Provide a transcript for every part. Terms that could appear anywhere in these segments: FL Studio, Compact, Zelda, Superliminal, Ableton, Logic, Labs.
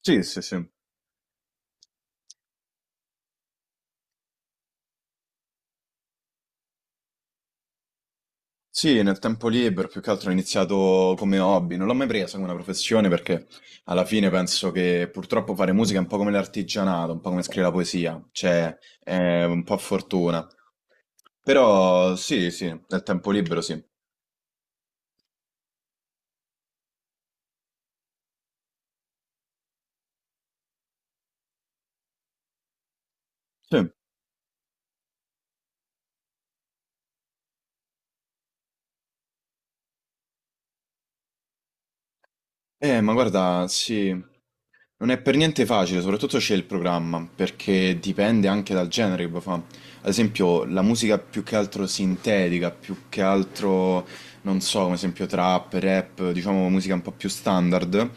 Sì, sì, sì. Sì, nel tempo libero più che altro ho iniziato come hobby, non l'ho mai presa come una professione perché alla fine penso che purtroppo fare musica è un po' come l'artigianato, un po' come scrivere la poesia, cioè è un po' a fortuna. Però sì, sì, nel tempo libero sì. Sì. Ma guarda, sì, non è per niente facile, soprattutto c'è il programma, perché dipende anche dal genere che vuoi fa. Ad esempio la musica più che altro sintetica, più che altro, non so, come esempio trap, rap, diciamo musica un po' più standard,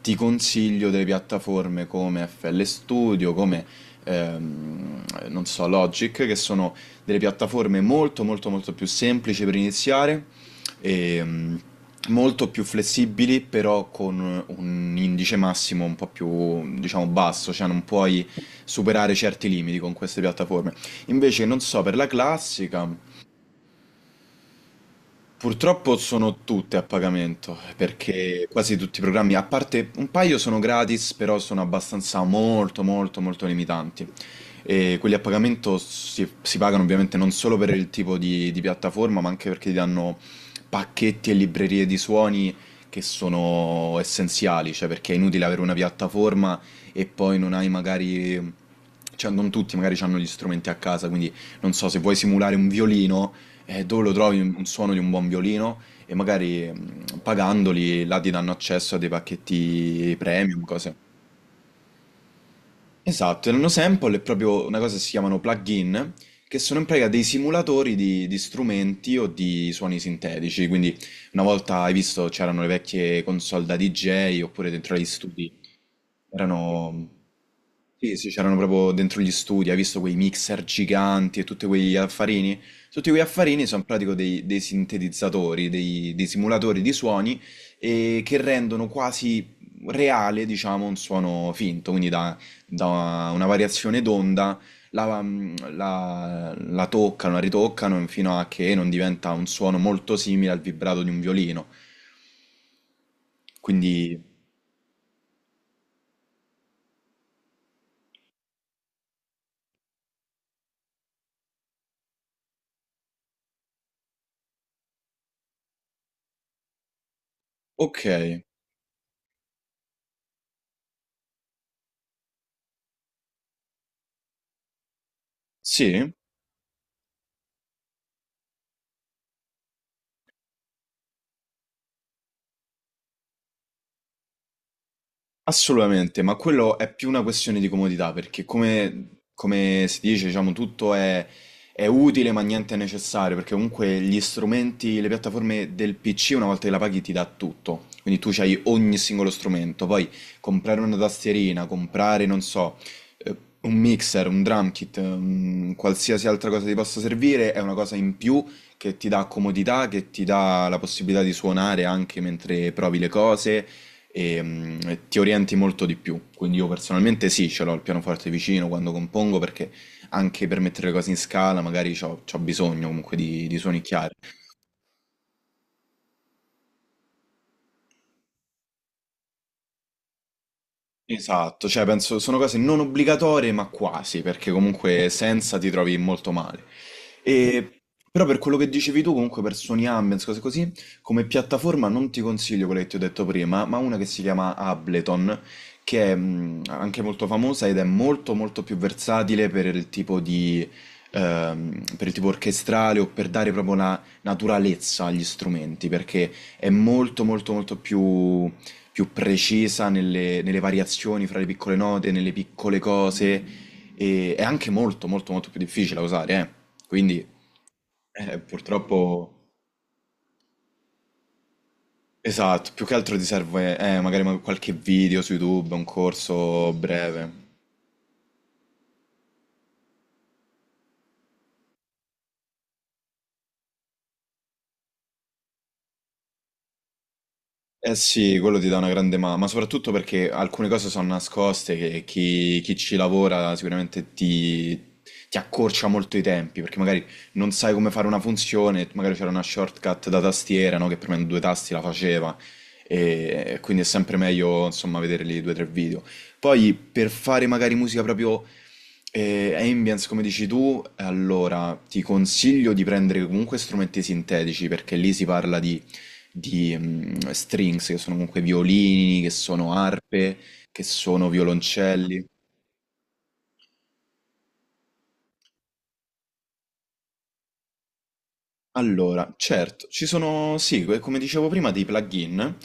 ti consiglio delle piattaforme come FL Studio, come ehm, non so, Logic, che sono delle piattaforme molto molto molto più semplici per iniziare e molto più flessibili, però con un indice massimo un po' più, diciamo, basso, cioè non puoi superare certi limiti con queste piattaforme. Invece non so per la classica. Purtroppo sono tutte a pagamento, perché quasi tutti i programmi, a parte un paio sono gratis, però sono abbastanza molto molto molto limitanti. E quelli a pagamento si pagano ovviamente non solo per il tipo di piattaforma, ma anche perché ti danno pacchetti e librerie di suoni che sono essenziali, cioè perché è inutile avere una piattaforma e poi non hai magari... Cioè, non tutti magari hanno gli strumenti a casa, quindi non so, se vuoi simulare un violino, dove lo trovi un suono di un buon violino e magari pagandoli là ti danno accesso a dei pacchetti premium, cose. Esatto, e Nano Sample è proprio una cosa che si chiamano plugin, che sono in pratica dei simulatori di strumenti o di suoni sintetici, quindi una volta hai visto c'erano le vecchie console da DJ oppure dentro agli studi, erano sì, sì, c'erano proprio dentro gli studi, hai visto quei mixer giganti e tutti quegli affarini? Tutti quegli affarini sono in pratica dei sintetizzatori, dei simulatori di suoni e che rendono quasi reale, diciamo, un suono finto, quindi da una variazione d'onda la, la toccano, la ritoccano fino a che non diventa un suono molto simile al vibrato di un violino. Quindi, ok, sì. Assolutamente, ma quello è più una questione di comodità, perché come si dice, diciamo, tutto è utile ma niente è necessario, perché comunque gli strumenti, le piattaforme del PC una volta che la paghi ti dà tutto, quindi tu hai ogni singolo strumento, poi comprare una tastierina, comprare, non so, eh, un mixer, un drum kit, un qualsiasi altra cosa ti possa servire, è una cosa in più che ti dà comodità, che ti dà la possibilità di suonare anche mentre provi le cose e ti orienti molto di più. Quindi io personalmente sì, ce l'ho il pianoforte vicino quando compongo perché anche per mettere le cose in scala magari c'ho bisogno comunque di suoni chiari. Esatto, cioè penso sono cose non obbligatorie ma quasi, perché comunque senza ti trovi molto male. E- Però per quello che dicevi tu, comunque per Sony Ambience, cose così, come piattaforma non ti consiglio quella che ti ho detto prima, ma una che si chiama Ableton, che è anche molto famosa ed è molto molto più versatile per il tipo di... per il tipo orchestrale o per dare proprio una naturalezza agli strumenti, perché è molto molto molto più precisa nelle variazioni fra le piccole note, nelle piccole cose, e è anche molto molto molto più difficile da usare, eh. Quindi purtroppo, esatto, più che altro ti serve magari qualche video su YouTube, un corso breve. Eh sì, quello ti dà una grande mano, ma soprattutto perché alcune cose sono nascoste che chi ci lavora sicuramente ti accorcia molto i tempi, perché magari non sai come fare una funzione, magari c'era una shortcut da tastiera, no, che premendo due tasti la faceva, e quindi è sempre meglio, insomma, vedere lì due o tre video. Poi per fare magari musica proprio ambience, come dici tu, allora ti consiglio di prendere comunque strumenti sintetici, perché lì si parla di strings, che sono comunque violini, che sono arpe, che sono violoncelli. Allora, certo, ci sono, sì, come dicevo prima, dei plugin.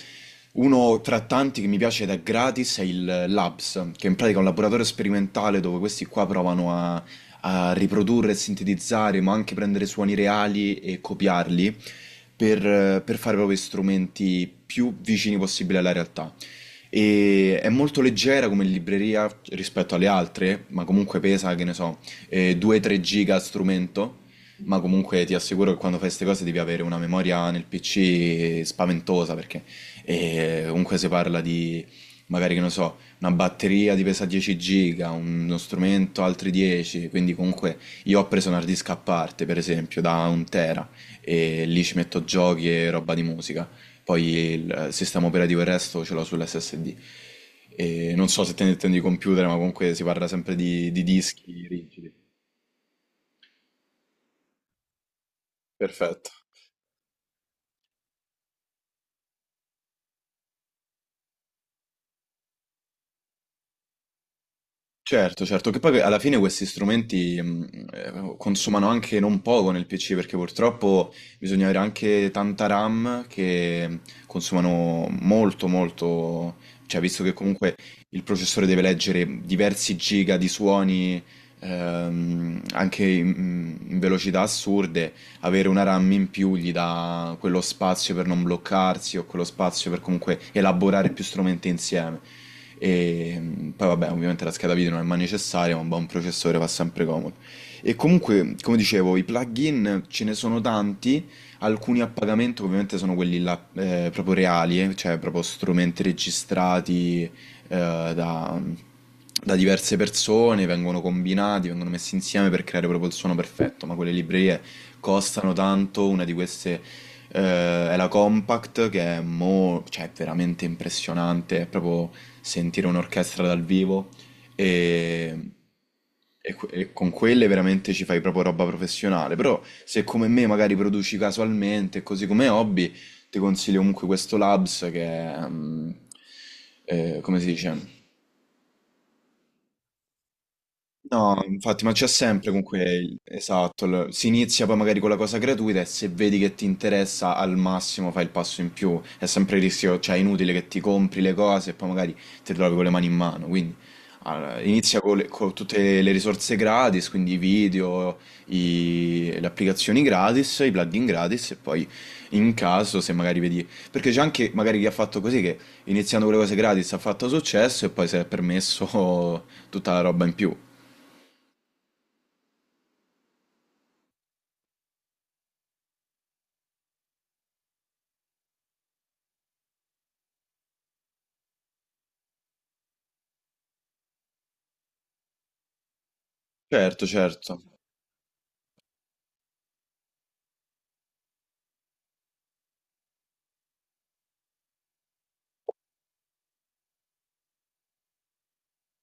Uno tra tanti che mi piace ed è gratis è il Labs, che in pratica è un laboratorio sperimentale dove questi qua provano a riprodurre e sintetizzare, ma anche prendere suoni reali e copiarli per fare proprio strumenti più vicini possibile alla realtà. E è molto leggera come libreria rispetto alle altre, ma comunque pesa, che ne so, 2-3 giga a strumento, ma comunque ti assicuro che quando fai queste cose devi avere una memoria nel PC spaventosa, perché comunque si parla di, magari che ne so, una batteria di pesa 10 giga, uno strumento altri 10, quindi comunque io ho preso un hard disk a parte, per esempio, da un tera, e lì ci metto giochi e roba di musica. Poi il sistema operativo e il resto ce l'ho sull'SSD. E non so se te ne intendi computer, ma comunque si parla sempre di dischi rigidi. Perfetto. Certo, certo, che poi alla fine questi strumenti consumano anche non poco nel PC perché purtroppo bisogna avere anche tanta RAM che consumano molto molto, cioè visto che comunque il processore deve leggere diversi giga di suoni anche in velocità assurde, avere una RAM in più gli dà quello spazio per non bloccarsi o quello spazio per comunque elaborare più strumenti insieme. E poi vabbè, ovviamente la scheda video non è mai necessaria, ma un buon processore fa sempre comodo. E comunque, come dicevo, i plugin ce ne sono tanti, alcuni a pagamento ovviamente sono quelli là, proprio reali, cioè proprio strumenti registrati da, da diverse persone, vengono combinati, vengono messi insieme per creare proprio il suono perfetto, ma quelle librerie costano tanto, una di queste è la Compact che è, cioè, è veramente impressionante, è proprio sentire un'orchestra dal vivo e, e con quelle veramente ci fai proprio roba professionale, però se come me magari produci casualmente, così come hobby, ti consiglio comunque questo Labs che è, come si dice? No, infatti, ma c'è sempre comunque esatto, si inizia poi magari con la cosa gratuita e se vedi che ti interessa al massimo fai il passo in più, è sempre il rischio, cioè è inutile che ti compri le cose e poi magari ti trovi con le mani in mano, quindi allora, inizia con, con tutte le risorse gratis, quindi i video, le applicazioni gratis, i plugin gratis e poi in caso se magari vedi, perché c'è anche magari chi ha fatto così che iniziando con le cose gratis ha fatto successo e poi si è permesso tutta la roba in più. Certo, certo.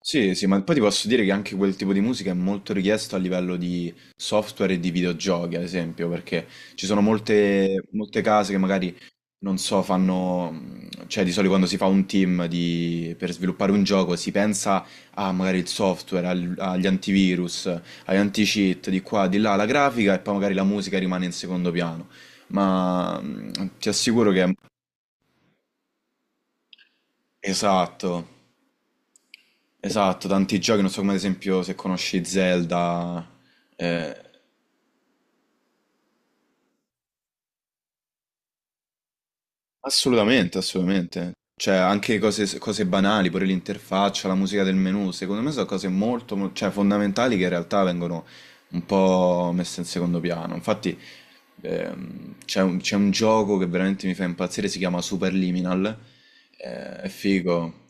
Sì, sì, ma poi ti posso dire che anche quel tipo di musica è molto richiesto a livello di software e di videogiochi, ad esempio, perché ci sono molte, molte case che magari, non so, fanno, cioè di solito quando si fa un team per sviluppare un gioco si pensa a magari il software, agli antivirus, agli anti-cheat, di qua, di là, la grafica e poi magari la musica rimane in secondo piano. Ma ti assicuro che... è... Esatto. Esatto, tanti giochi, non so come ad esempio se conosci Zelda. Eh, assolutamente, assolutamente. Cioè, anche cose, cose banali, pure l'interfaccia, la musica del menu, secondo me sono cose molto, cioè, fondamentali che in realtà vengono un po' messe in secondo piano. Infatti, c'è un gioco che veramente mi fa impazzire, si chiama Superliminal. È figo.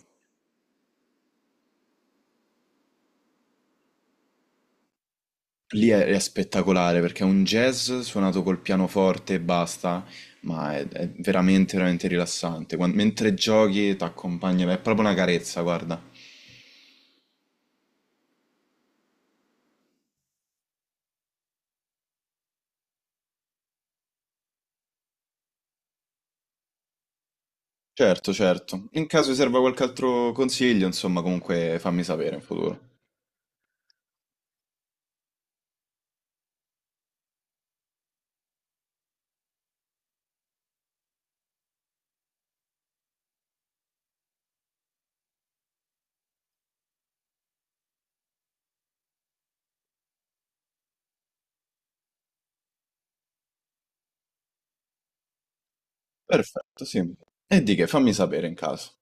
Lì è spettacolare perché è un jazz suonato col pianoforte e basta, ma è veramente, veramente rilassante. Mentre giochi ti accompagna, è proprio una carezza, guarda. Certo, certo. In caso ti serva qualche altro consiglio, insomma, comunque fammi sapere in futuro. Perfetto, sì. E di che, fammi sapere in caso.